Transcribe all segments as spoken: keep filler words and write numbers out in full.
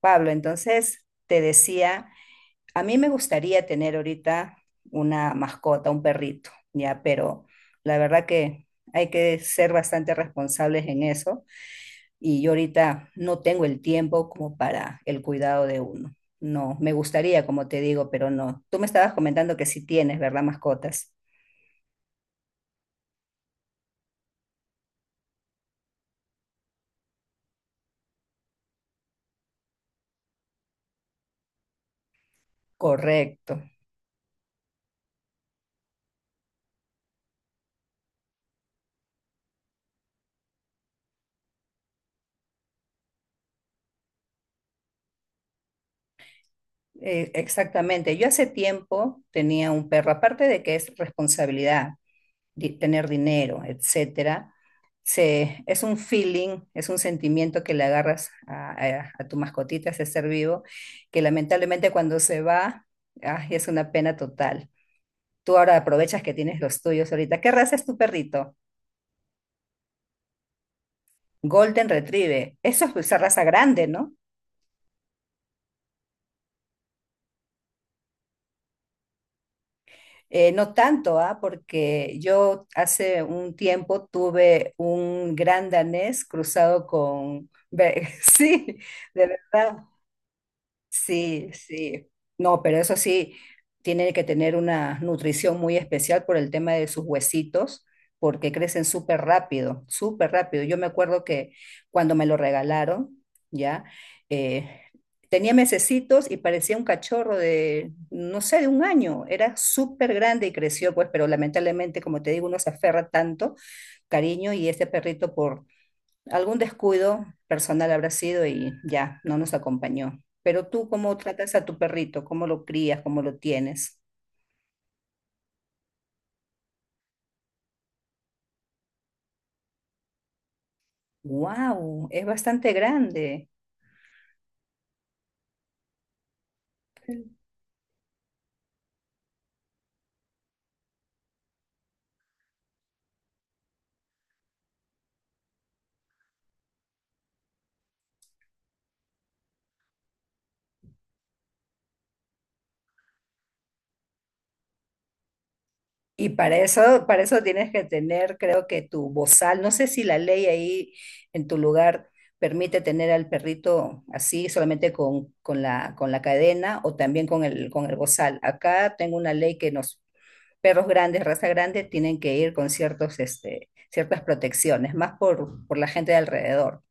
Pablo, entonces te decía, a mí me gustaría tener ahorita una mascota, un perrito, ya, pero la verdad que hay que ser bastante responsables en eso y yo ahorita no tengo el tiempo como para el cuidado de uno. No, me gustaría, como te digo, pero no. Tú me estabas comentando que sí tienes, ¿verdad? Mascotas. Correcto. Eh, exactamente. Yo hace tiempo tenía un perro, aparte de que es responsabilidad, di- tener dinero, etcétera, se, es un feeling, es un sentimiento que le agarras a, a- a tu mascotita, a ese ser vivo, que lamentablemente cuando se va, ay, es una pena total. Tú ahora aprovechas que tienes los tuyos ahorita. ¿Qué raza es tu perrito? Golden Retriever. Eso es pues, esa raza grande, ¿no? Eh, no tanto, ¿ah? Porque yo hace un tiempo tuve un gran danés cruzado con… Sí, de verdad. Sí, sí. No, pero eso sí, tiene que tener una nutrición muy especial por el tema de sus huesitos, porque crecen súper rápido, súper rápido. Yo me acuerdo que cuando me lo regalaron, ya, eh, tenía mesecitos y parecía un cachorro de, no sé, de un año. Era súper grande y creció, pues, pero lamentablemente, como te digo, uno se aferra tanto cariño y este perrito por algún descuido personal habrá sido y ya, no nos acompañó. Pero tú, ¿cómo tratas a tu perrito? ¿Cómo lo crías? ¿Cómo lo tienes? ¡Wow! Es bastante grande. Y para eso, para eso tienes que tener, creo que tu bozal. No sé si la ley ahí en tu lugar permite tener al perrito así, solamente con, con la, con la cadena o también con el, con el bozal. Acá tengo una ley que nos perros grandes, raza grande, tienen que ir con ciertos, este, ciertas protecciones, más por, por la gente de alrededor.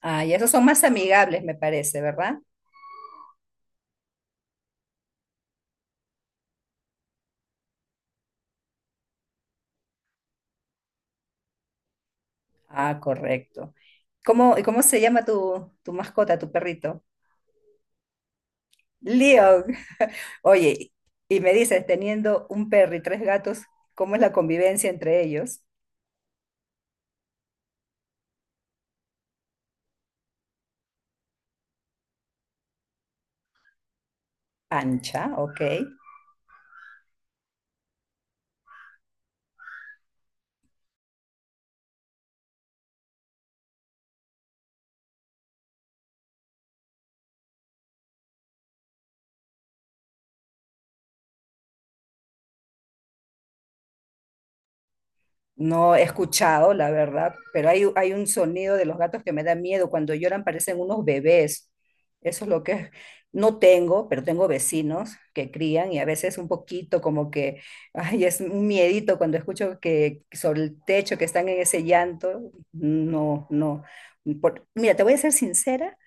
Ah, y esos son más amigables, me parece, ¿verdad? Ah, correcto. ¿Cómo, y cómo se llama tu, tu mascota, tu perrito? Leon. Oye, y me dices, teniendo un perro y tres gatos, ¿cómo es la convivencia entre ellos? Ancha, ok. No he escuchado, la verdad, pero hay, hay un sonido de los gatos que me da miedo. Cuando lloran parecen unos bebés. Eso es lo que no tengo, pero tengo vecinos que crían y a veces un poquito como que, ay, es un miedito cuando escucho que sobre el techo que están en ese llanto. No, no. Por- mira, te voy a ser sincera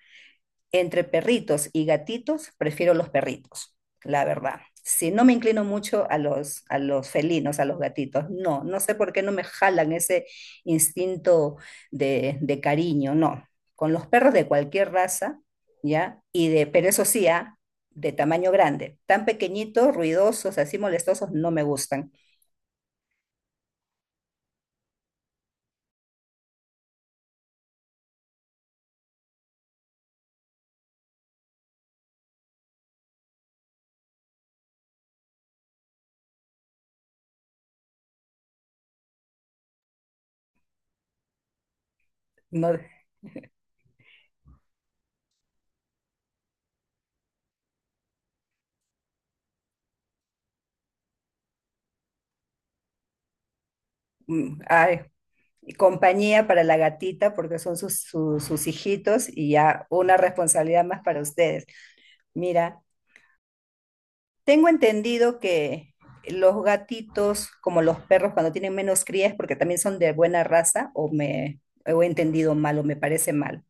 entre perritos y gatitos, prefiero los perritos, la verdad. Si no me inclino mucho a los, a los felinos, a los gatitos, no, no sé por qué no me jalan ese instinto de, de cariño, no. Con los perros de cualquier raza, ¿ya? Y de, pero eso sí, ah, de tamaño grande. Tan pequeñitos, ruidosos, así molestosos, no me gustan. No, mm, ay, y compañía para la gatita porque son sus, su- sus hijitos y ya una responsabilidad más para ustedes. Mira, tengo entendido que los gatitos, como los perros, cuando tienen menos crías, porque también son de buena raza, o me o he entendido mal, o me parece mal.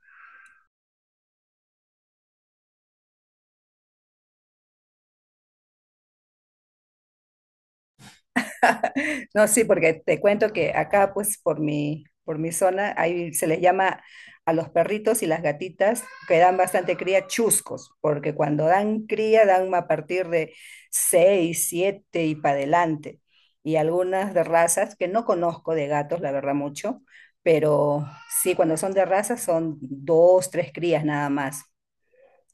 No, sí, porque te cuento que acá, pues, por mi, por mi zona, ahí se les llama a los perritos y las gatitas que dan bastante cría chuscos, porque cuando dan cría dan a partir de seis siete y para adelante. Y algunas de razas, que no conozco de gatos, la verdad, mucho, pero sí, cuando son de razas son dos, tres crías nada más.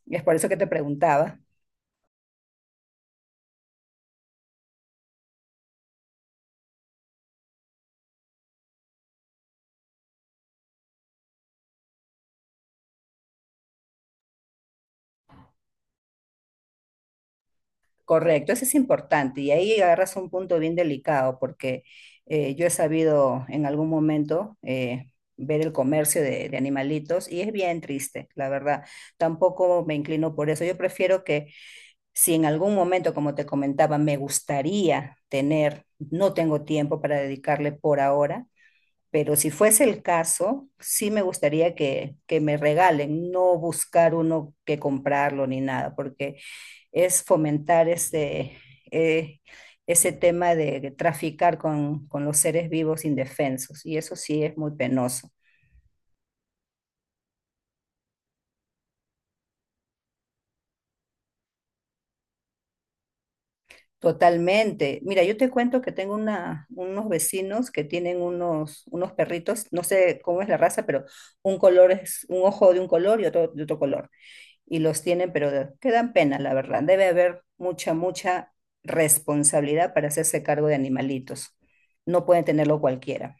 Y es por eso que te preguntaba. Correcto, eso es importante y ahí agarras un punto bien delicado porque eh, yo he sabido en algún momento eh, ver el comercio de, de animalitos y es bien triste, la verdad. Tampoco me inclino por eso. Yo prefiero que si en algún momento, como te comentaba, me gustaría tener, no tengo tiempo para dedicarle por ahora, pero si fuese el caso, sí me gustaría que, que me regalen, no buscar uno que comprarlo ni nada, porque es fomentar ese, eh, ese tema de traficar con, con los seres vivos indefensos, y eso sí es muy penoso. Totalmente. Mira, yo te cuento que tengo una, unos vecinos que tienen unos, unos perritos, no sé cómo es la raza, pero un color es un ojo de un color y otro de otro color. Y los tienen, pero de- que dan pena, la verdad. Debe haber mucha, mucha responsabilidad para hacerse cargo de animalitos. No pueden tenerlo cualquiera.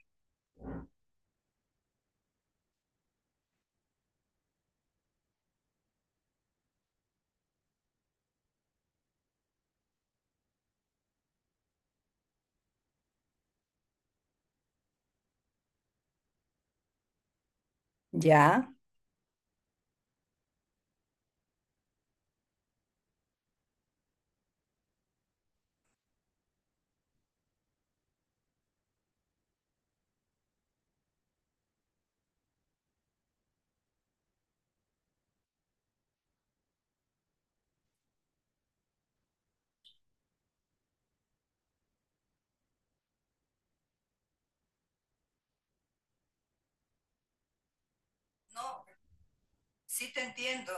¿Ya? Sí, te entiendo.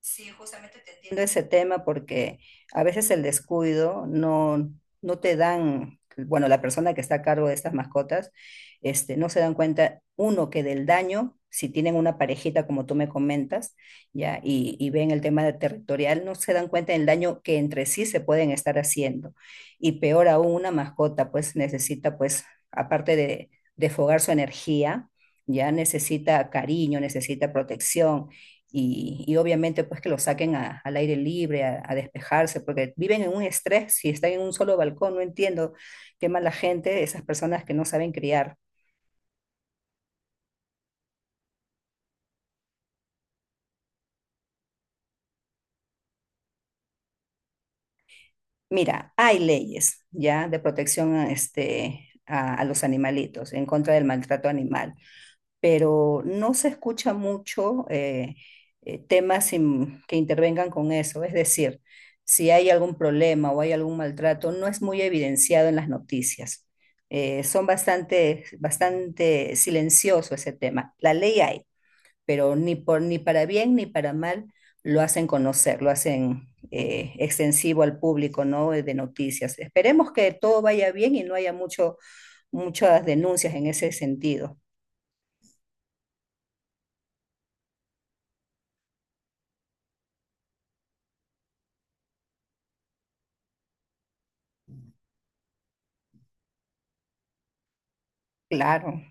Sí, justamente te entiendo ese tema porque a veces el descuido no, no te dan, bueno, la persona que está a cargo de estas mascotas, este, no se dan cuenta, uno, que del daño, si tienen una parejita como tú me comentas, ya, y, y ven el tema de territorial, no se dan cuenta del daño que entre sí se pueden estar haciendo. Y peor aún, una mascota pues necesita pues, aparte de, de fogar su energía, ya necesita cariño, necesita protección y, y obviamente pues que lo saquen a- al aire libre, a, a despejarse, porque viven en un estrés, si están en un solo balcón, no entiendo qué mala gente, esas personas que no saben criar. Mira, hay leyes ya de protección a, este, a, a los animalitos, en contra del maltrato animal. Pero no se escucha mucho eh, eh, temas in- que intervengan con eso. Es decir, si hay algún problema o hay algún maltrato, no es muy evidenciado en las noticias. Eh, son bastante, bastante silencioso ese tema. La ley hay, pero ni por, ni para bien ni para mal lo hacen conocer, lo hacen eh, extensivo al público, ¿no? De noticias. Esperemos que todo vaya bien y no haya mucho, muchas denuncias en ese sentido. Claro.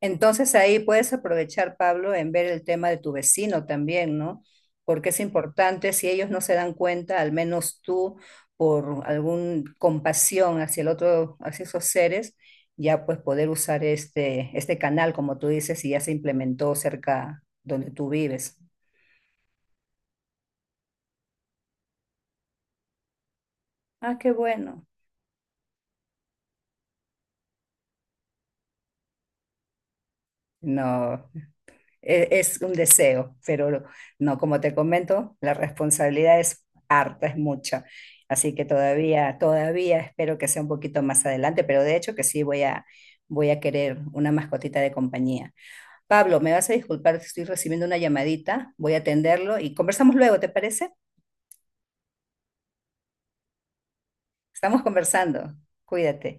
Entonces ahí puedes aprovechar, Pablo, en ver el tema de tu vecino también, ¿no? Porque es importante, si ellos no se dan cuenta, al menos tú, por alguna compasión hacia el otro, hacia esos seres, ya pues poder usar este, este canal, como tú dices, y ya se implementó cerca donde tú vives. Ah, qué bueno. No. E- es un deseo, pero no, como te comento, la responsabilidad es harta, es mucha. Así que todavía, todavía espero que sea un poquito más adelante, pero de hecho que sí voy a, voy a querer una mascotita de compañía. Pablo, me vas a disculpar, si estoy recibiendo una llamadita, voy a atenderlo y conversamos luego, ¿te parece? Estamos conversando. Cuídate.